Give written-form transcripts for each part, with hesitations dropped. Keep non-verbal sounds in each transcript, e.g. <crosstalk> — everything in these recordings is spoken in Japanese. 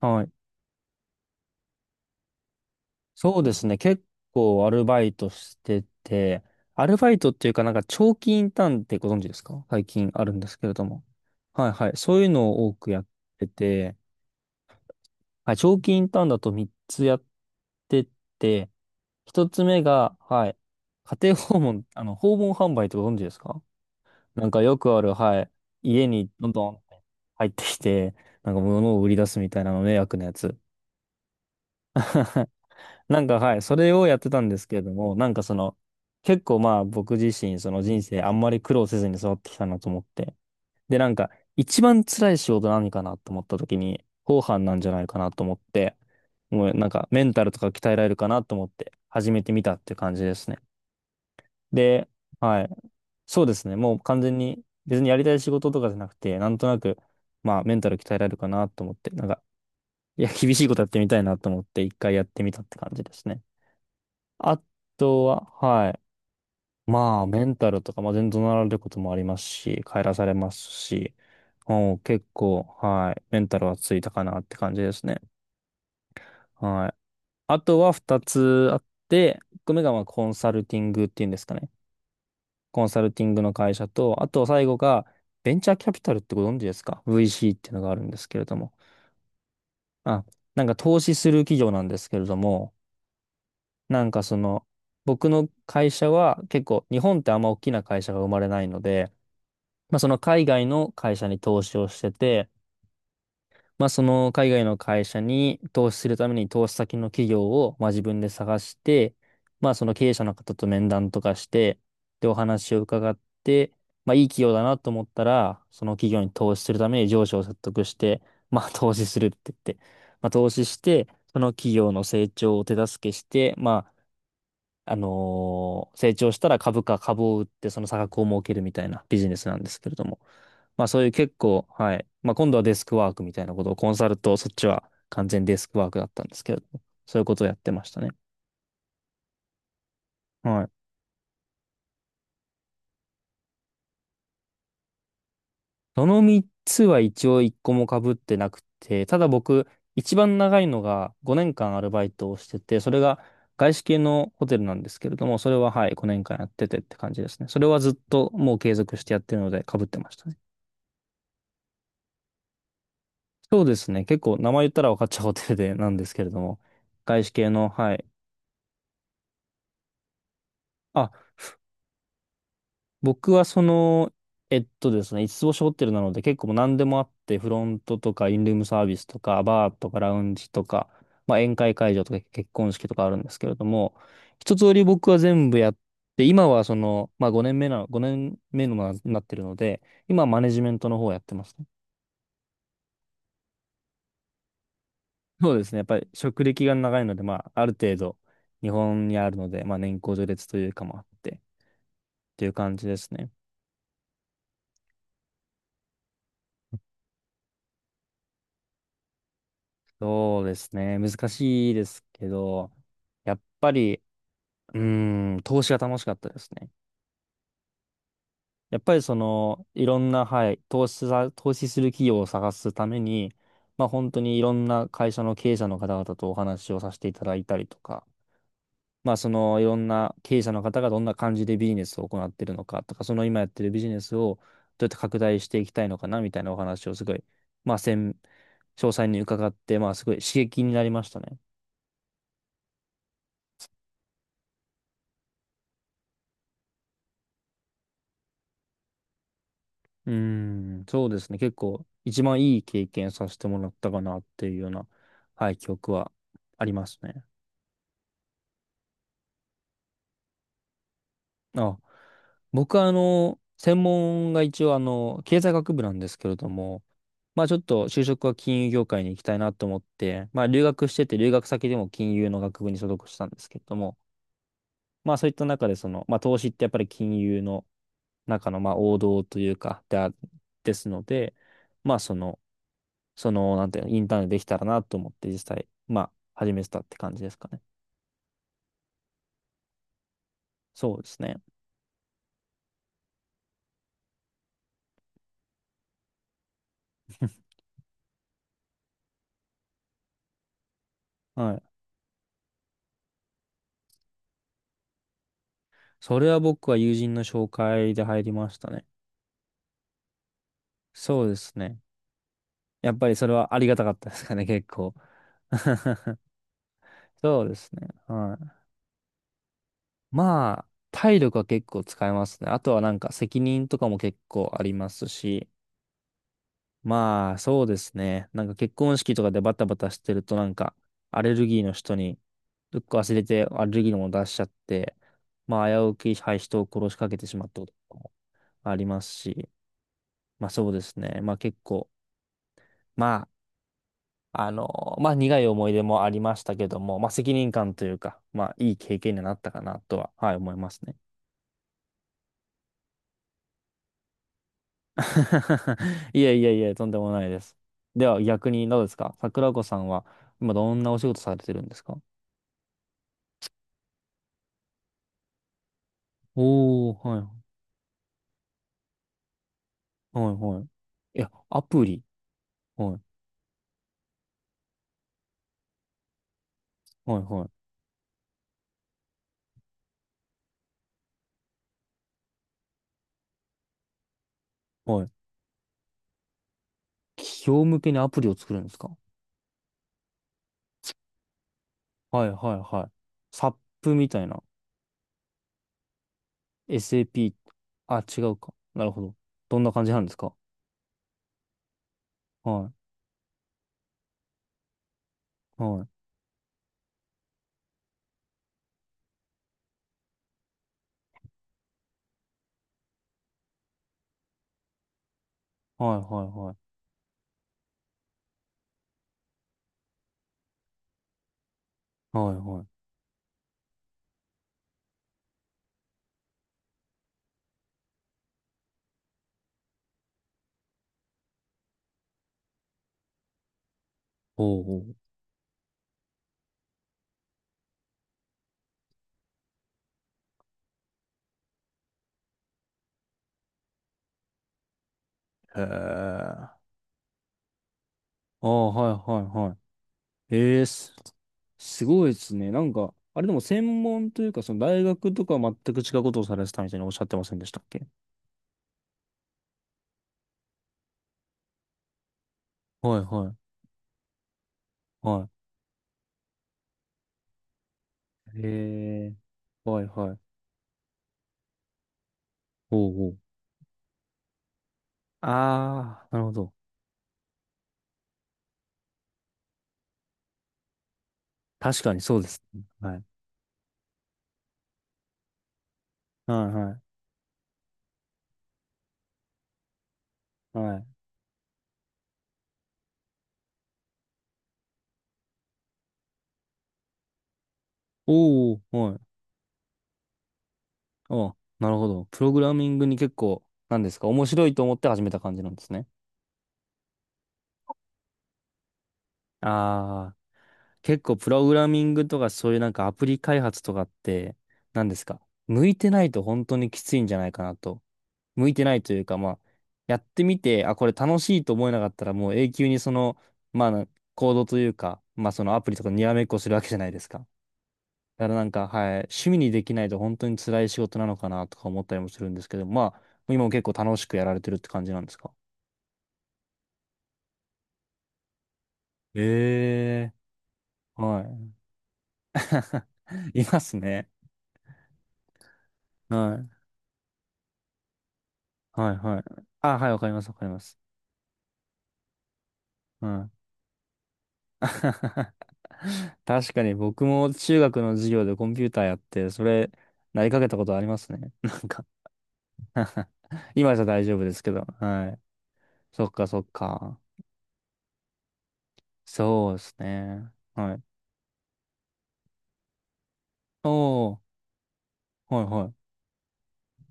はい。そうですね。結構アルバイトしてて、アルバイトっていうかなんか長期インターンってご存知ですか？最近あるんですけれども。はいはい。そういうのを多くやってて、はい、長期インターンだと3つやってて、1つ目が、はい、家庭訪問、あの、訪問販売ってご存知ですか？なんかよくある、はい、家にどんどん入ってきて、なんか物を売り出すみたいなの迷惑なやつ。<laughs> なんかはい、それをやってたんですけれども、なんかその、結構まあ僕自身、その人生あんまり苦労せずに育ってきたなと思って。で、なんか、一番辛い仕事何かなと思った時に、後半なんじゃないかなと思って、もうなんかメンタルとか鍛えられるかなと思って始めてみたっていう感じですね。で、はい。そうですね。もう完全に別にやりたい仕事とかじゃなくて、なんとなく、まあメンタル鍛えられるかなと思って、なんか、いや、厳しいことやってみたいなと思って一回やってみたって感じですね。あとは、はい。まあ、メンタルとか、まあ、全然怒鳴られることもありますし、帰らされますし、もう結構、はい。メンタルはついたかなって感じですね。はい。あとは二つあって、一個目がまあコンサルティングっていうんですかね。コンサルティングの会社と、あと最後がベンチャーキャピタルってご存知ですか？ VC っていうのがあるんですけれども。あ、なんか投資する企業なんですけれども、なんかその、僕の会社は結構日本ってあんま大きな会社が生まれないので、まあその海外の会社に投資をしてて、まあその海外の会社に投資するために投資先の企業をまあ自分で探して、まあその経営者の方と面談とかして、でお話を伺って、まあいい企業だなと思ったら、その企業に投資するために上司を説得して、まあ投資するって言って、まあ投資して、その企業の成長を手助けして、まああのー成長したら株を売ってその差額を儲けるみたいなビジネスなんですけれども。まあそういう結構、はい。まあ今度はデスクワークみたいなことをコンサルと、そっちは完全デスクワークだったんですけれども、そういうことをやってましたね。はい。その3つは一応1個も被ってなくて、ただ僕、一番長いのが5年間アルバイトをしてて、それが外資系のホテルなんですけれども、それははい、5年間やっててって感じですね。それはずっともう継続してやってるので被ってましたね。そうですね。結構名前言ったら分かっちゃうホテルでなんですけれども、外資系の、はい。あ、僕はその、えっとですね、五つつ星ホテルなので結構もう何でもあって、フロントとかインルームサービスとか、バーとかラウンジとか、まあ、宴会会場とか結婚式とかあるんですけれども、一通り僕は全部やって、今はその、まあ5年目なってるので、今はマネジメントの方をやってますね。 <laughs> そうですね。やっぱり職歴が長いので、まあ、ある程度、日本にあるので、まあ、年功序列というかもあって、っていう感じですね。そうですね。難しいですけど、やっぱり、うーん、投資が楽しかったですね。やっぱりその、いろんな、はい、投資する企業を探すために、まあ、本当にいろんな会社の経営者の方々とお話をさせていただいたりとか、まあ、その、いろんな経営者の方がどんな感じでビジネスを行ってるのかとか、その今やってるビジネスをどうやって拡大していきたいのかなみたいなお話をすごい、まあ、専詳細に伺って、まあ、すごい刺激になりましたね。うーん、そうですね。結構、一番いい経験させてもらったかなっていうような、はい、記憶はありますね。あ、僕はあの、専門が一応あの、経済学部なんですけれども、まあちょっと就職は金融業界に行きたいなと思って、まあ留学してて留学先でも金融の学部に所属したんですけれども、まあそういった中でその、まあ投資ってやっぱり金融の中のまあ王道というか、であ、ですので、まあなんていうの、インターンでできたらなと思って実際、まあ始めてたって感じですかね。そうですね。<laughs> はい。それは僕は友人の紹介で入りましたね。そうですね。やっぱりそれはありがたかったですかね、結構。<laughs> そうですね。はい。まあ、体力は結構使えますね。あとはなんか責任とかも結構ありますし、まあ、そうですね。なんか結婚式とかでバタバタしてるとなんか、アレルギーの人に、どっか忘れてアレルギーのもの出しちゃって、まあ、危うき、はい、人を殺しかけてしまったこともありますし、まあそうですね。まあ結構、まああの、まあ、苦い思い出もありましたけども、まあ、責任感というか、まあ、いい経験になったかなとは、はい、思いますね。<laughs> いやいやいや、とんでもないです。では、逆にどうですか？桜子さんは、今どんなお仕事されてるんですか？おー、はい、はい、はい。いや、アプリ。はい、はい、はい、はい。企業向けにアプリを作るんですか？はい、はい、はい。サップみたいな。SAP。あ、違うか。なるほど。どんな感じなんですか？はい、はい、はい、はい、はい。はいはい。おうおう。へえ。ああ、はいはいはい。すごいですね。なんか、あれでも専門というか、その大学とかは全く違うことをされてたみたいにおっしゃってませんでしたっけ？はいはいはい。へえ、はいはい。おうおう。ああ、なるほど。確かにそうですね。はい。はいはいはい。おおはい。ああ、なるほど。プログラミングに結構、なんですか、面白いと思って始めた感じなんですね。ああ。結構プログラミングとかそういうなんかアプリ開発とかって何ですか、向いてないと本当にきついんじゃないかなと。向いてないというかまあやってみて、あ、これ楽しいと思えなかったらもう永久にそのまあコードというかまあそのアプリとかにらめっこするわけじゃないですか。だからなんかはい趣味にできないと本当に辛い仕事なのかなとか思ったりもするんですけどまあ今も結構楽しくやられてるって感じなんですか？ええーはい。<laughs> いますね。はいはいはい。あ、はい、わかります、わかります。うん。<laughs> 確かに僕も中学の授業でコンピューターやって、それ、なりかけたことありますね。<laughs> なんか <laughs> 今じゃ大丈夫ですけど。はい。そっか、そっか。そうですね。はい。おー、はいはい。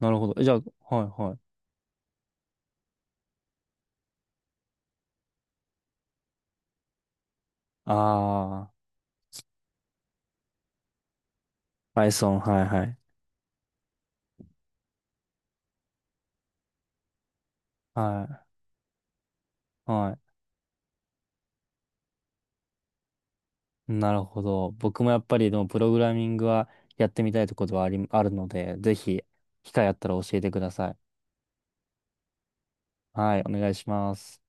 なるほど。えじゃあ、はいはい。あー、Python、はいはい。はい。はい。なるほど。僕もやっぱりでもプログラミングはやってみたいところはあるので、ぜひ機会あったら教えてください。はい、お願いします。